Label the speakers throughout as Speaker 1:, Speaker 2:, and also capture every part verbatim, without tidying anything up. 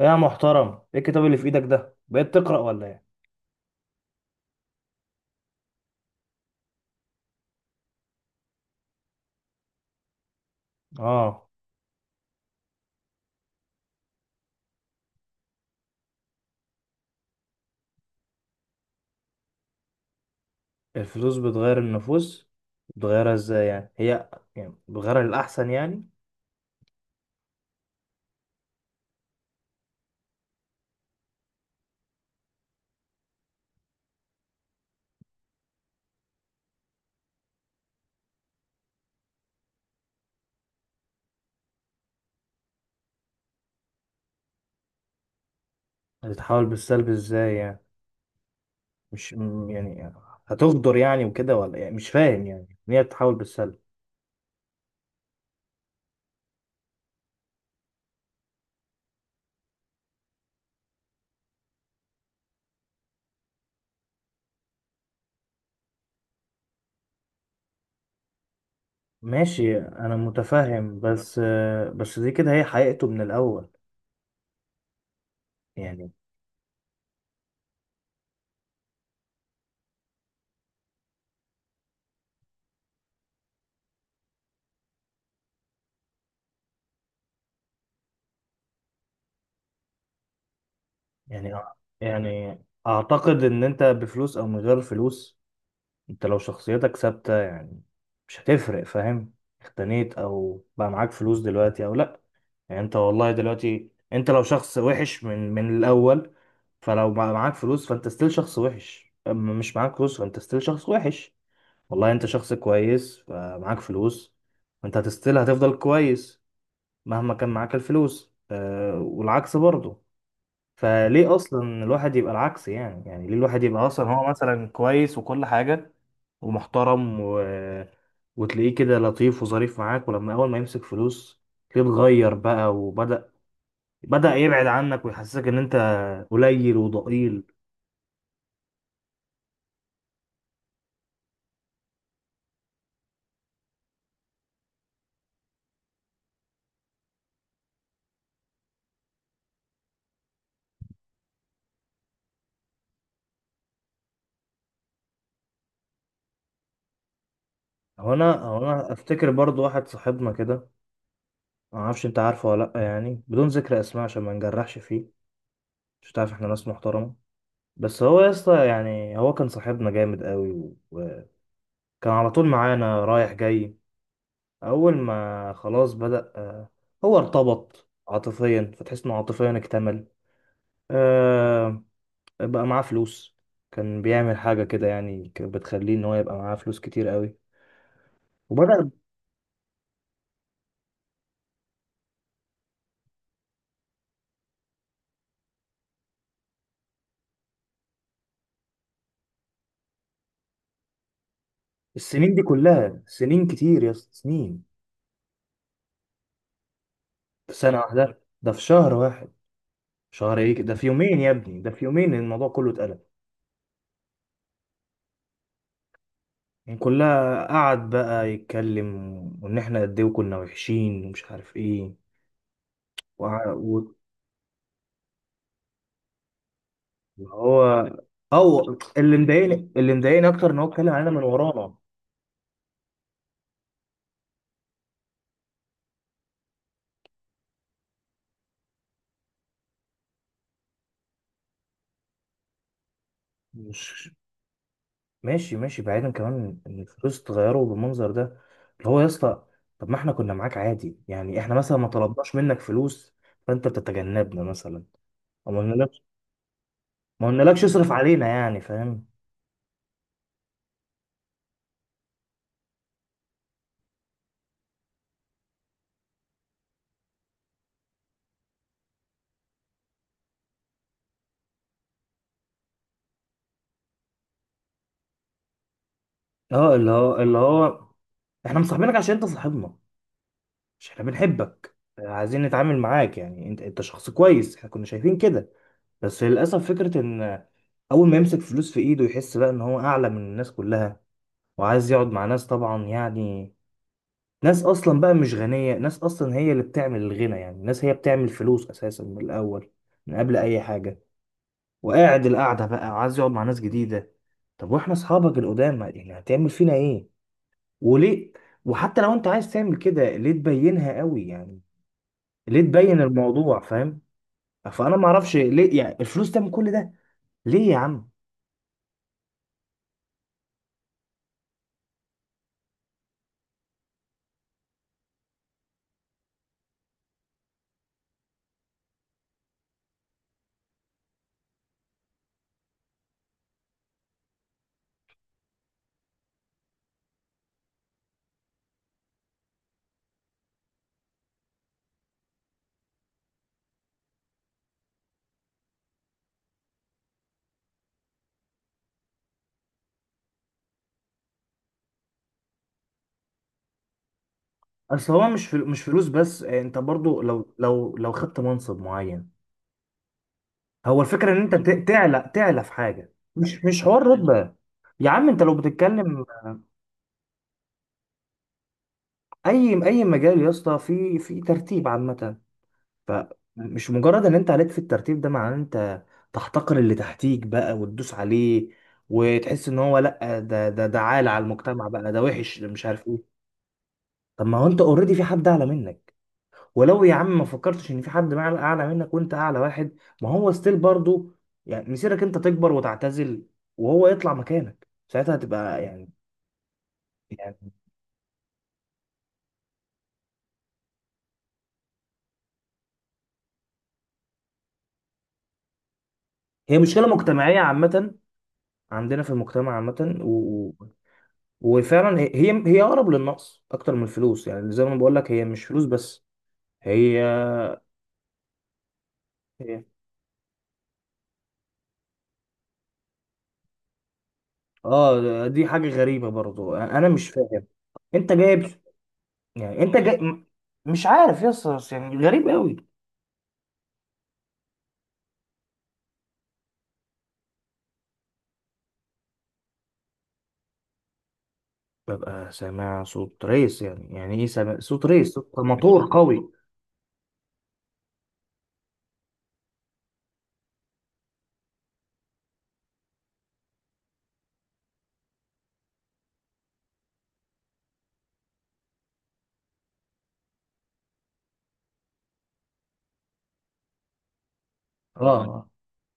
Speaker 1: ايه يا محترم؟ ايه الكتاب اللي في ايدك ده؟ بقيت تقرأ ولا ايه؟ اه، الفلوس بتغير النفوس؟ بتغيرها ازاي يعني هي؟ يعني بتغيرها للأحسن يعني؟ هتتحول بالسلب ازاي يعني؟ مش م- يعني هتغدر يعني وكده، ولا يعني مش فاهم يعني ان هي بتتحول بالسلب؟ ماشي، انا متفهم، بس آه، بس دي كده هي حقيقته من الأول. يعني يعني يعني اعتقد ان انت بفلوس او من غير فلوس، انت لو شخصيتك ثابتة يعني مش هتفرق، فاهم؟ اختنيت او بقى معاك فلوس دلوقتي او لا، يعني انت والله دلوقتي انت لو شخص وحش من من الاول، فلو بقى معاك فلوس فانت ستيل شخص وحش، اما مش معاك فلوس فانت ستيل شخص وحش. والله انت شخص كويس فمعاك فلوس، فانت هتستيل، هتفضل كويس مهما كان معاك الفلوس، أه، والعكس برضه. فليه اصلا الواحد يبقى العكس؟ يعني يعني ليه الواحد يبقى اصلا هو مثلا كويس وكل حاجه ومحترم و... وتلاقيه كده لطيف وظريف معاك، ولما اول ما يمسك فلوس تلاقيه اتغير بقى، وبدأ بدأ يبعد عنك ويحسسك ان انت قليل وضئيل. هو انا هو انا افتكر برضو واحد صاحبنا كده، ما اعرفش انت عارفه ولا لا، يعني بدون ذكر اسماء عشان ما نجرحش فيه، مش تعرف احنا ناس محترمه. بس هو يا اسطى، يعني هو كان صاحبنا جامد قوي وكان على طول معانا رايح جاي. اول ما خلاص بدأ، آه، هو ارتبط عاطفيا فتحس انه عاطفيا اكتمل، آه، بقى معاه فلوس. كان بيعمل حاجة كده يعني، كانت بتخليه ان هو يبقى معاه فلوس كتير قوي وبدأ. السنين دي كلها سنين كتير يا اسطى، سنين. في سنة واحدة؟ ده في شهر واحد! شهر ايه ده؟ في يومين يا ابني، ده في يومين الموضوع كله اتقلب. يعني كلها قعد بقى يتكلم وان احنا قد ايه كنا وحشين ومش عارف ايه. هو او اللي مضايقني، اللي مضايقني اكتر ان هو اتكلم علينا من ورانا. مش ماشي، ماشي بعيدا كمان ان الفلوس اتغيروا بالمنظر ده، اللي هو يا اسطى، طب ما احنا كنا معاك عادي، يعني احنا مثلا ما طلبناش منك فلوس فانت بتتجنبنا مثلا، او ما قلنالكش، ما قلنالكش اصرف علينا يعني، فاهم؟ اه، اللي هو اللي هو احنا مصاحبينك عشان انت صاحبنا، مش احنا بنحبك، عايزين نتعامل معاك يعني، انت انت شخص كويس احنا كنا شايفين كده. بس للأسف فكرة إن أول ما يمسك فلوس في إيده يحس بقى إن هو أعلى من الناس كلها، وعايز يقعد مع ناس طبعا يعني ناس أصلا بقى مش غنية، ناس أصلا هي اللي بتعمل الغنى يعني، ناس هي بتعمل فلوس أساسا من الأول، من قبل أي حاجة. وقاعد القعدة بقى عايز يقعد مع ناس جديدة، طب وإحنا أصحابك القدام يعني هتعمل فينا إيه؟ وليه؟ وحتى لو أنت عايز تعمل كده، ليه تبينها قوي يعني؟ ليه تبين الموضوع، فاهم؟ فأنا معرفش ليه يعني الفلوس تعمل كل ده. ليه يا عم؟ اصل هو مش فل... مش فلوس بس، آه، انت برضو لو لو لو خدت منصب معين، هو الفكره ان انت ت- تعلى، تعلى في حاجه، مش مش حوار رتبه. يا عم انت لو بتتكلم اي اي مجال يا اسطى في في ترتيب عامه، فمش مجرد ان انت عليت في الترتيب ده معناه ان انت تحتقر اللي تحتيك بقى وتدوس عليه، وتحس ان هو، لا ده ده ده عال على المجتمع بقى، ده وحش، ده مش عارف ايه. طب ما هو انت اوريدي في حد اعلى منك؟ ولو يا عم ما فكرتش ان في حد معل- اعلى منك وانت اعلى واحد، ما هو ستيل برضو يعني مسيرك انت تكبر وتعتزل وهو يطلع مكانك، ساعتها هتبقى يعني. يعني هي مشكله مجتمعيه عامه عندنا في المجتمع عامه، و... و- وفعلا هي هي هي اقرب للنقص اكتر من الفلوس، يعني زي ما بقول لك هي مش فلوس بس. هي هي- اه، دي حاجه غريبه برضو، انا مش فاهم. انت جايب، يعني انت جاي م- مش عارف يا اسطى، يعني غريب قوي. ببقى سامع صوت ريس، يعني يعني ايه سامع صوت ريس؟ صوت موتور، موتور قوي. اه اه،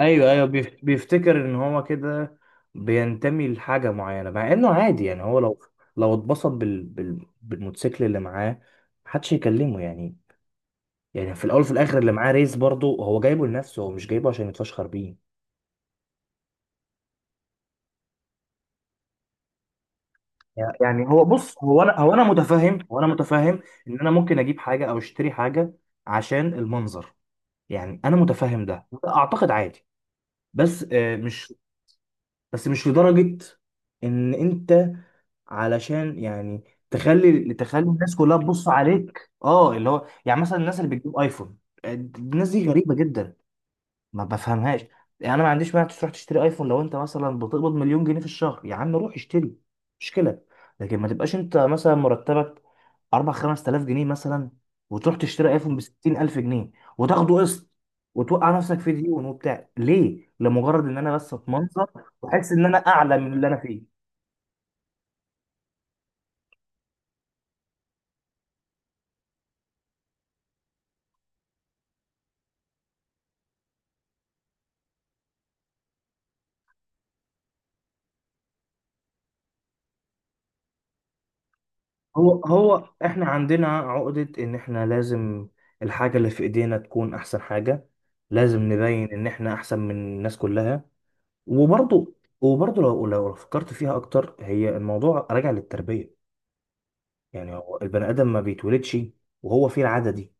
Speaker 1: ايوه ايوه، بيف- بيفتكر ان هو كده بينتمي لحاجه معينه، مع انه عادي يعني. هو لو لو اتبسط بال... بال... بالموتوسيكل اللي معاه، محدش يكلمه يعني. يعني في الاول وفي الاخر اللي معاه ريس برضه هو جايبه لنفسه، هو مش جايبه عشان يتفشخر بيه. يعني هو بص، هو انا هو انا متفهم، هو انا متفهم ان انا ممكن اجيب حاجه او اشتري حاجه عشان المنظر، يعني انا متفهم ده وده اعتقد عادي. بس آه، مش، بس مش لدرجة ان انت علشان يعني تخلي تخلي الناس كلها تبص عليك، اه، اللي هو يعني مثلا الناس اللي بتجيب ايفون. آه، الناس دي غريبة جدا، ما بفهمهاش. يعني انا ما عنديش مانع تروح تشتري ايفون لو انت مثلا بتقبض مليون جنيه في الشهر، يا عم روح اشتري، مشكله. لكن ما تبقاش انت مثلا مرتبك اربع خمسة الاف جنيه مثلا، وتروح تشتري ايفون ب ستين الف جنيه وتاخده قسط، وتوقع نفسك في ديون وبتاع ليه؟ لمجرد ان انا بس اتمنظر واحس ان انا اعلى من اللي انا فيه. هو هو احنا عندنا عقدة ان احنا لازم الحاجة اللي في ايدينا تكون احسن حاجة، لازم نبين ان احنا احسن من الناس كلها. وبرضه، وبرضه لو لو فكرت فيها اكتر، هي الموضوع راجع للتربيه. يعني هو البني ادم ما بيتولدش وهو فيه العاده دي،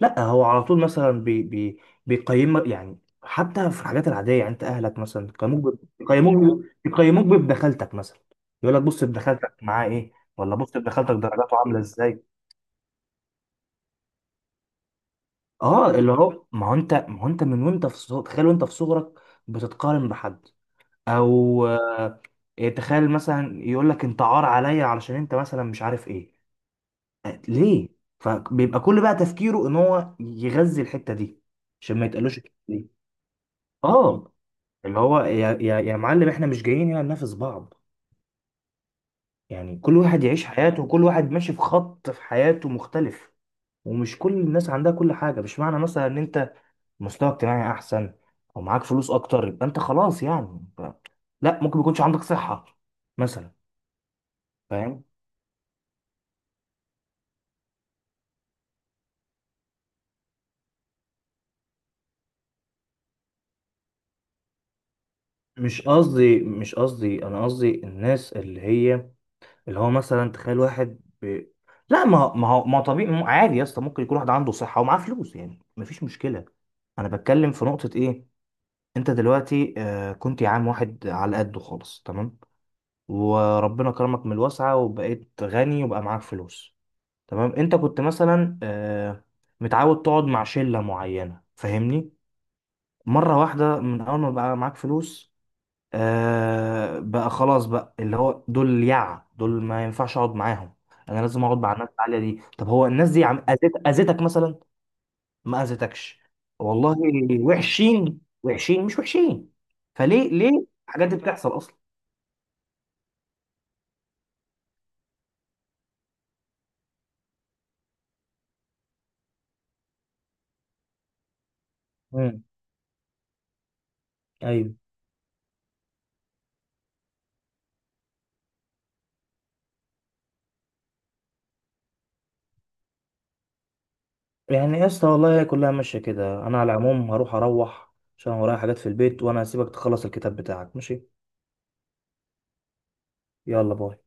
Speaker 1: لا هو على طول مثلا بي بي بيقيم يعني حتى في الحاجات العاديه يعني، انت اهلك مثلا بيقيموك ب- بيقيموك بيقيموك بابدخلتك مثلا، يقول لك بص ابدخلتك معاه ايه، ولا بص ابدخلتك درجاته عامله ازاي. اه، اللي هو ما هو انت ما هو انت من وانت في صغ- تخيل وانت في صغرك بتتقارن بحد او آه، تخيل مثلا يقول لك انت عار عليا علشان انت مثلا مش عارف ايه، آه، ليه. فبيبقى كل بقى تفكيره ان هو يغذي الحتة دي عشان ما يتقالوش الحتة دي. اه، اللي هو يا يا يا معلم، احنا مش جايين هنا ننافس بعض يعني، كل واحد يعيش حياته وكل واحد ماشي في خط في حياته مختلف. ومش كل الناس عندها كل حاجة، مش معنى مثلا ان انت مستوى اجتماعي احسن او معاك فلوس اكتر يبقى انت خلاص يعني، ف- لا، ممكن ما يكونش عندك صحة مثلا، فاهم؟ مش قصدي مش قصدي، انا قصدي الناس اللي هي، اللي هو مثلا تخيل واحد ب... لا، ما هو- ما هو ما هو طبيعي، ما هو عادي يا اسطى، ممكن يكون واحد عنده صحة ومعاه فلوس يعني مفيش مشكلة. انا بتكلم في نقطة ايه؟ انت دلوقتي آه، كنت يا عم واحد على قده خالص، تمام؟ وربنا كرمك من الواسعة وبقيت غني وبقى معاك فلوس، تمام. انت كنت مثلا آه متعود تقعد مع شلة معينة، فاهمني؟ مرة واحدة من اول ما بقى معاك فلوس، آه، بقى خلاص بقى، اللي هو دول اليعة دول ما ينفعش اقعد معاهم، انا لازم اقعد مع الناس العالية دي. طب هو الناس دي عم اذيت، اذيتك مثلا؟ ما اذيتكش والله، وحشين، وحشين مش وحشين، فليه ليه الحاجات دي بتحصل اصلا؟ امم، ايوه، يعني يا اسطى والله هي كلها ماشيه كده، انا على العموم هروح، اروح عشان ورايا حاجات في البيت، وانا هسيبك تخلص الكتاب بتاعك، ماشي؟ يلا باي.